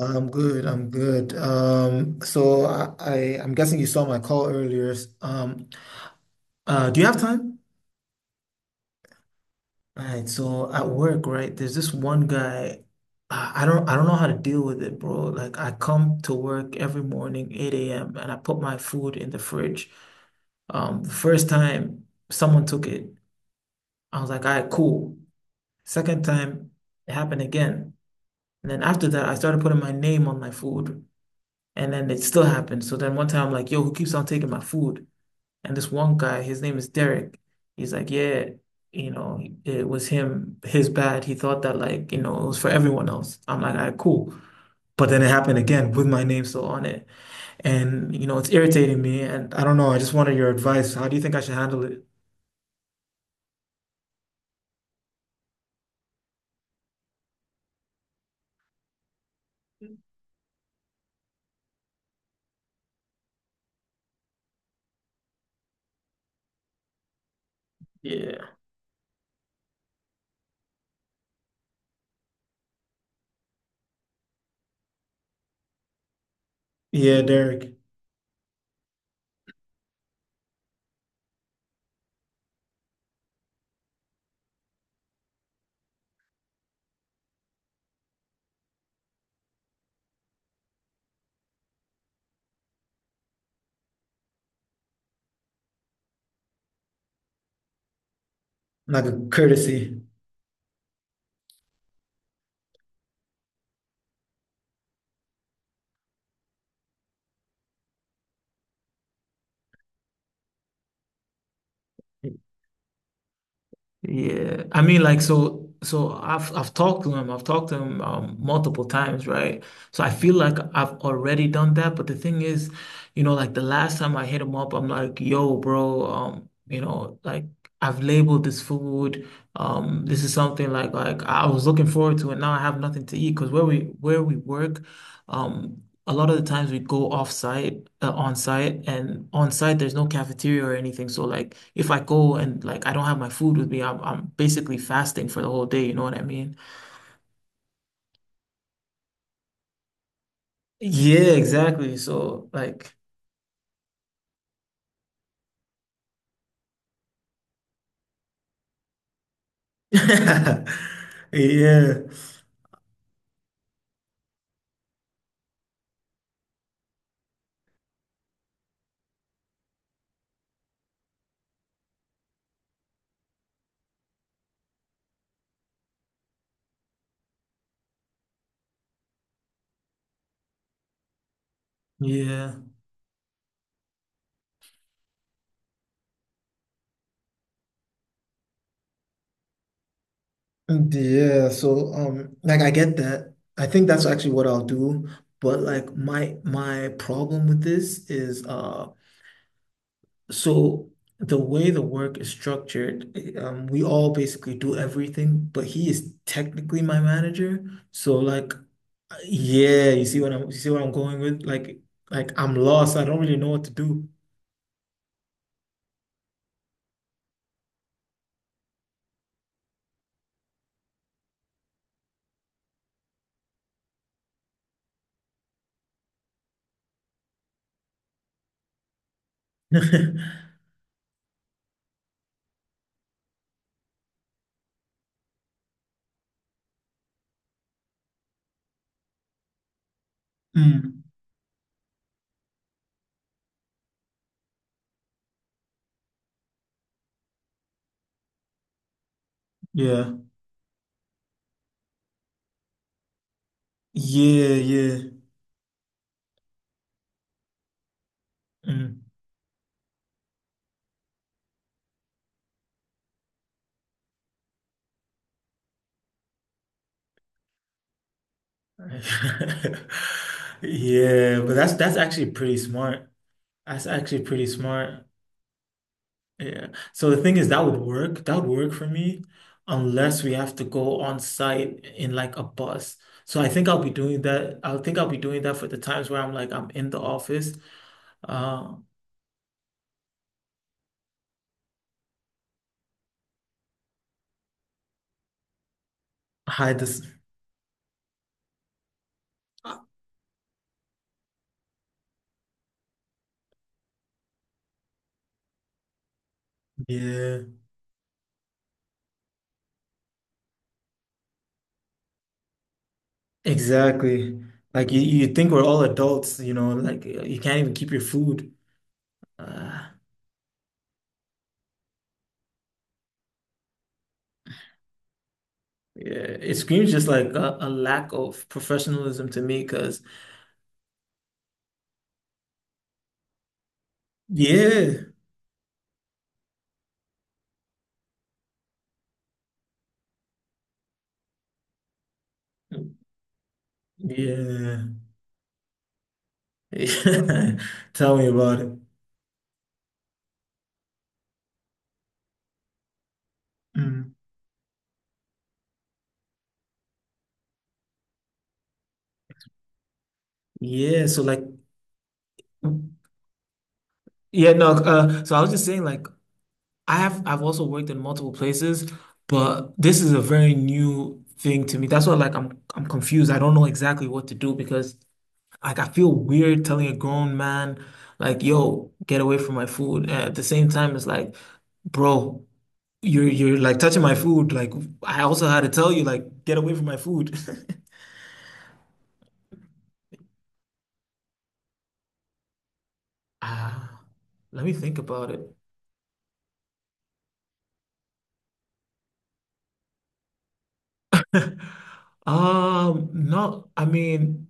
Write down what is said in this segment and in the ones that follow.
I'm good. I'm good. So I'm guessing you saw my call earlier. Um, do you have time? All right. So at work, right? There's this one guy. I don't know how to deal with it, bro. Like I come to work every morning, 8 a.m., and I put my food in the fridge. The first time someone took it, I was like, all right, cool. Second time, it happened again. And then after that, I started putting my name on my food. And then it still happened. So then one time I'm like, yo, who keeps on taking my food? And this one guy, his name is Derek. He's like, yeah, it was him, his bad. He thought that, like, it was for everyone else. I'm like, all right, cool. But then it happened again with my name still on it. And, it's irritating me. And I don't know. I just wanted your advice. How do you think I should handle it? Yeah. Yeah, Derek. Like a courtesy. Yeah, I mean, like, so I've talked to him, I've talked to him, multiple times, right? So I feel like I've already done that, but the thing is, like the last time I hit him up, I'm like, "Yo, bro, like I've labeled this food, this is something like I was looking forward to, and now I have nothing to eat because where we work, um, a lot of the times we go on site, and on site there's no cafeteria or anything. So like if I go and like I don't have my food with me, I'm basically fasting for the whole day. You know what I mean? Yeah, exactly. So like, Yeah. yeah, Yeah, so like I get that. I think that's actually what I'll do, but like my problem with this is so the way the work is structured, we all basically do everything, but he is technically my manager. So like, yeah, you see what I'm going with? Like I'm lost. I don't really know what to do. Mm, yeah, yeah, yeah. Mm. Yeah, but that's actually pretty smart. That's actually pretty smart. Yeah. So the thing is, that would work. That would work for me unless we have to go on site in like a bus. So I think I'll be doing that. I think I'll be doing that for the times where I'm like I'm in the office. Uh, Hide this. Yeah, exactly. Like you think we're all adults, you know, like you can't even keep your food. Uh, yeah, it screams just like a lack of professionalism to me because yeah, yeah, yeah. Tell me about it. Mm. Yeah, so like yeah, no, so I was just saying like I've also worked in multiple places, but this is a very new thing to me. That's why like I'm confused. I don't know exactly what to do because like I feel weird telling a grown man like, "Yo, get away from my food." And at the same time it's like, "Bro, you're like touching my food. Like I also had to tell you like get away from my food." Ah, let me think about it. No, I mean,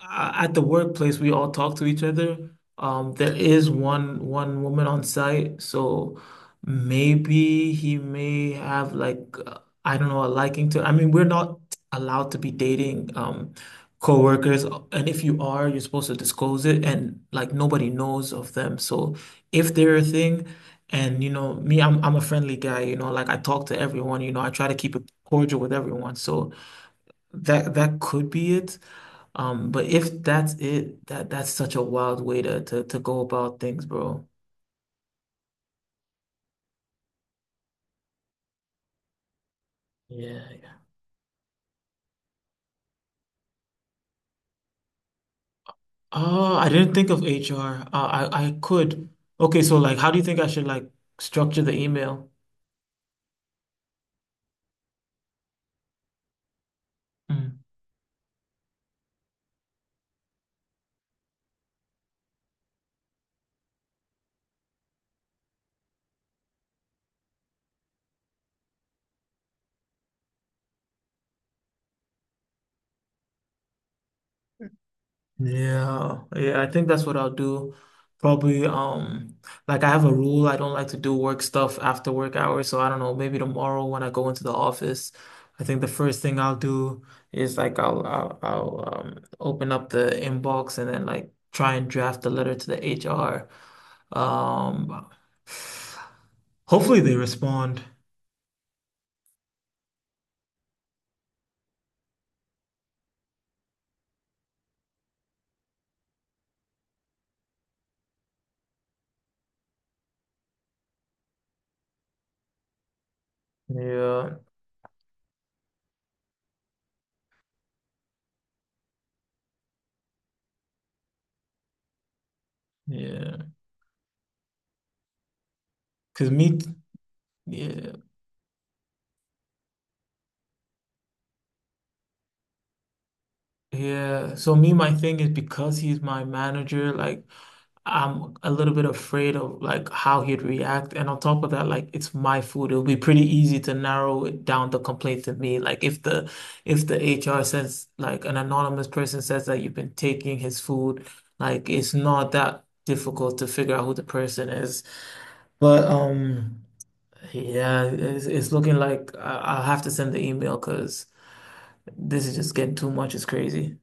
at the workplace, we all talk to each other. There is one woman on site, so maybe he may have like, I don't know, a liking to. I mean, we're not allowed to be dating coworkers, and if you are, you're supposed to disclose it, and like nobody knows of them. So if they're a thing, and you know me, I'm a friendly guy. You know, like I talk to everyone. You know, I try to keep it cordial with everyone. So. That that could be it. But if that's it, that that's such a wild way to go about things, bro. Yeah. yeah. Oh, I didn't think of HR. I could. Okay, so like, how do you think I should like structure the email? Yeah, yeah, I think that's what I'll do. Probably, like I have a rule, I don't like to do work stuff after work hours, so I don't know, maybe tomorrow when I go into the office, I think the first thing I'll do is like I'll open up the inbox and then like try and draft a letter to the HR. Um, hopefully they respond. Yeah, yeah, because me, yeah. Yeah. So me, my thing is because he's my manager, like I'm a little bit afraid of like how he'd react. And on top of that, like it's my food. It'll be pretty easy to narrow it down, the complaint to me. Like if the HR says like an anonymous person says that you've been taking his food, like it's not that difficult to figure out who the person is. But yeah, it's looking like I'll have to send the email because this is just getting too much. It's crazy.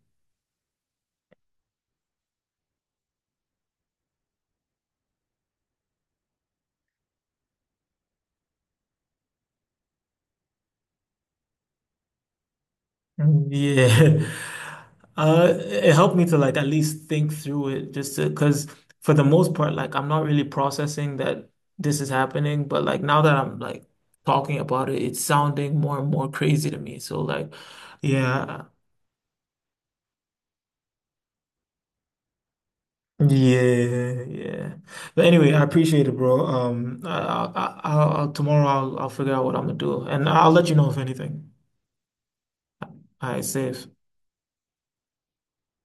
Mm, yeah. It helped me to like at least think through it just to, because for the most part, like I'm not really processing that this is happening, but like now that I'm like talking about it, it's sounding more and more crazy to me. So like, yeah. Yeah, yeah. But anyway, I appreciate it, bro. I'll, tomorrow I'll figure out what I'm gonna do, and I'll let you know if anything. All right, safe.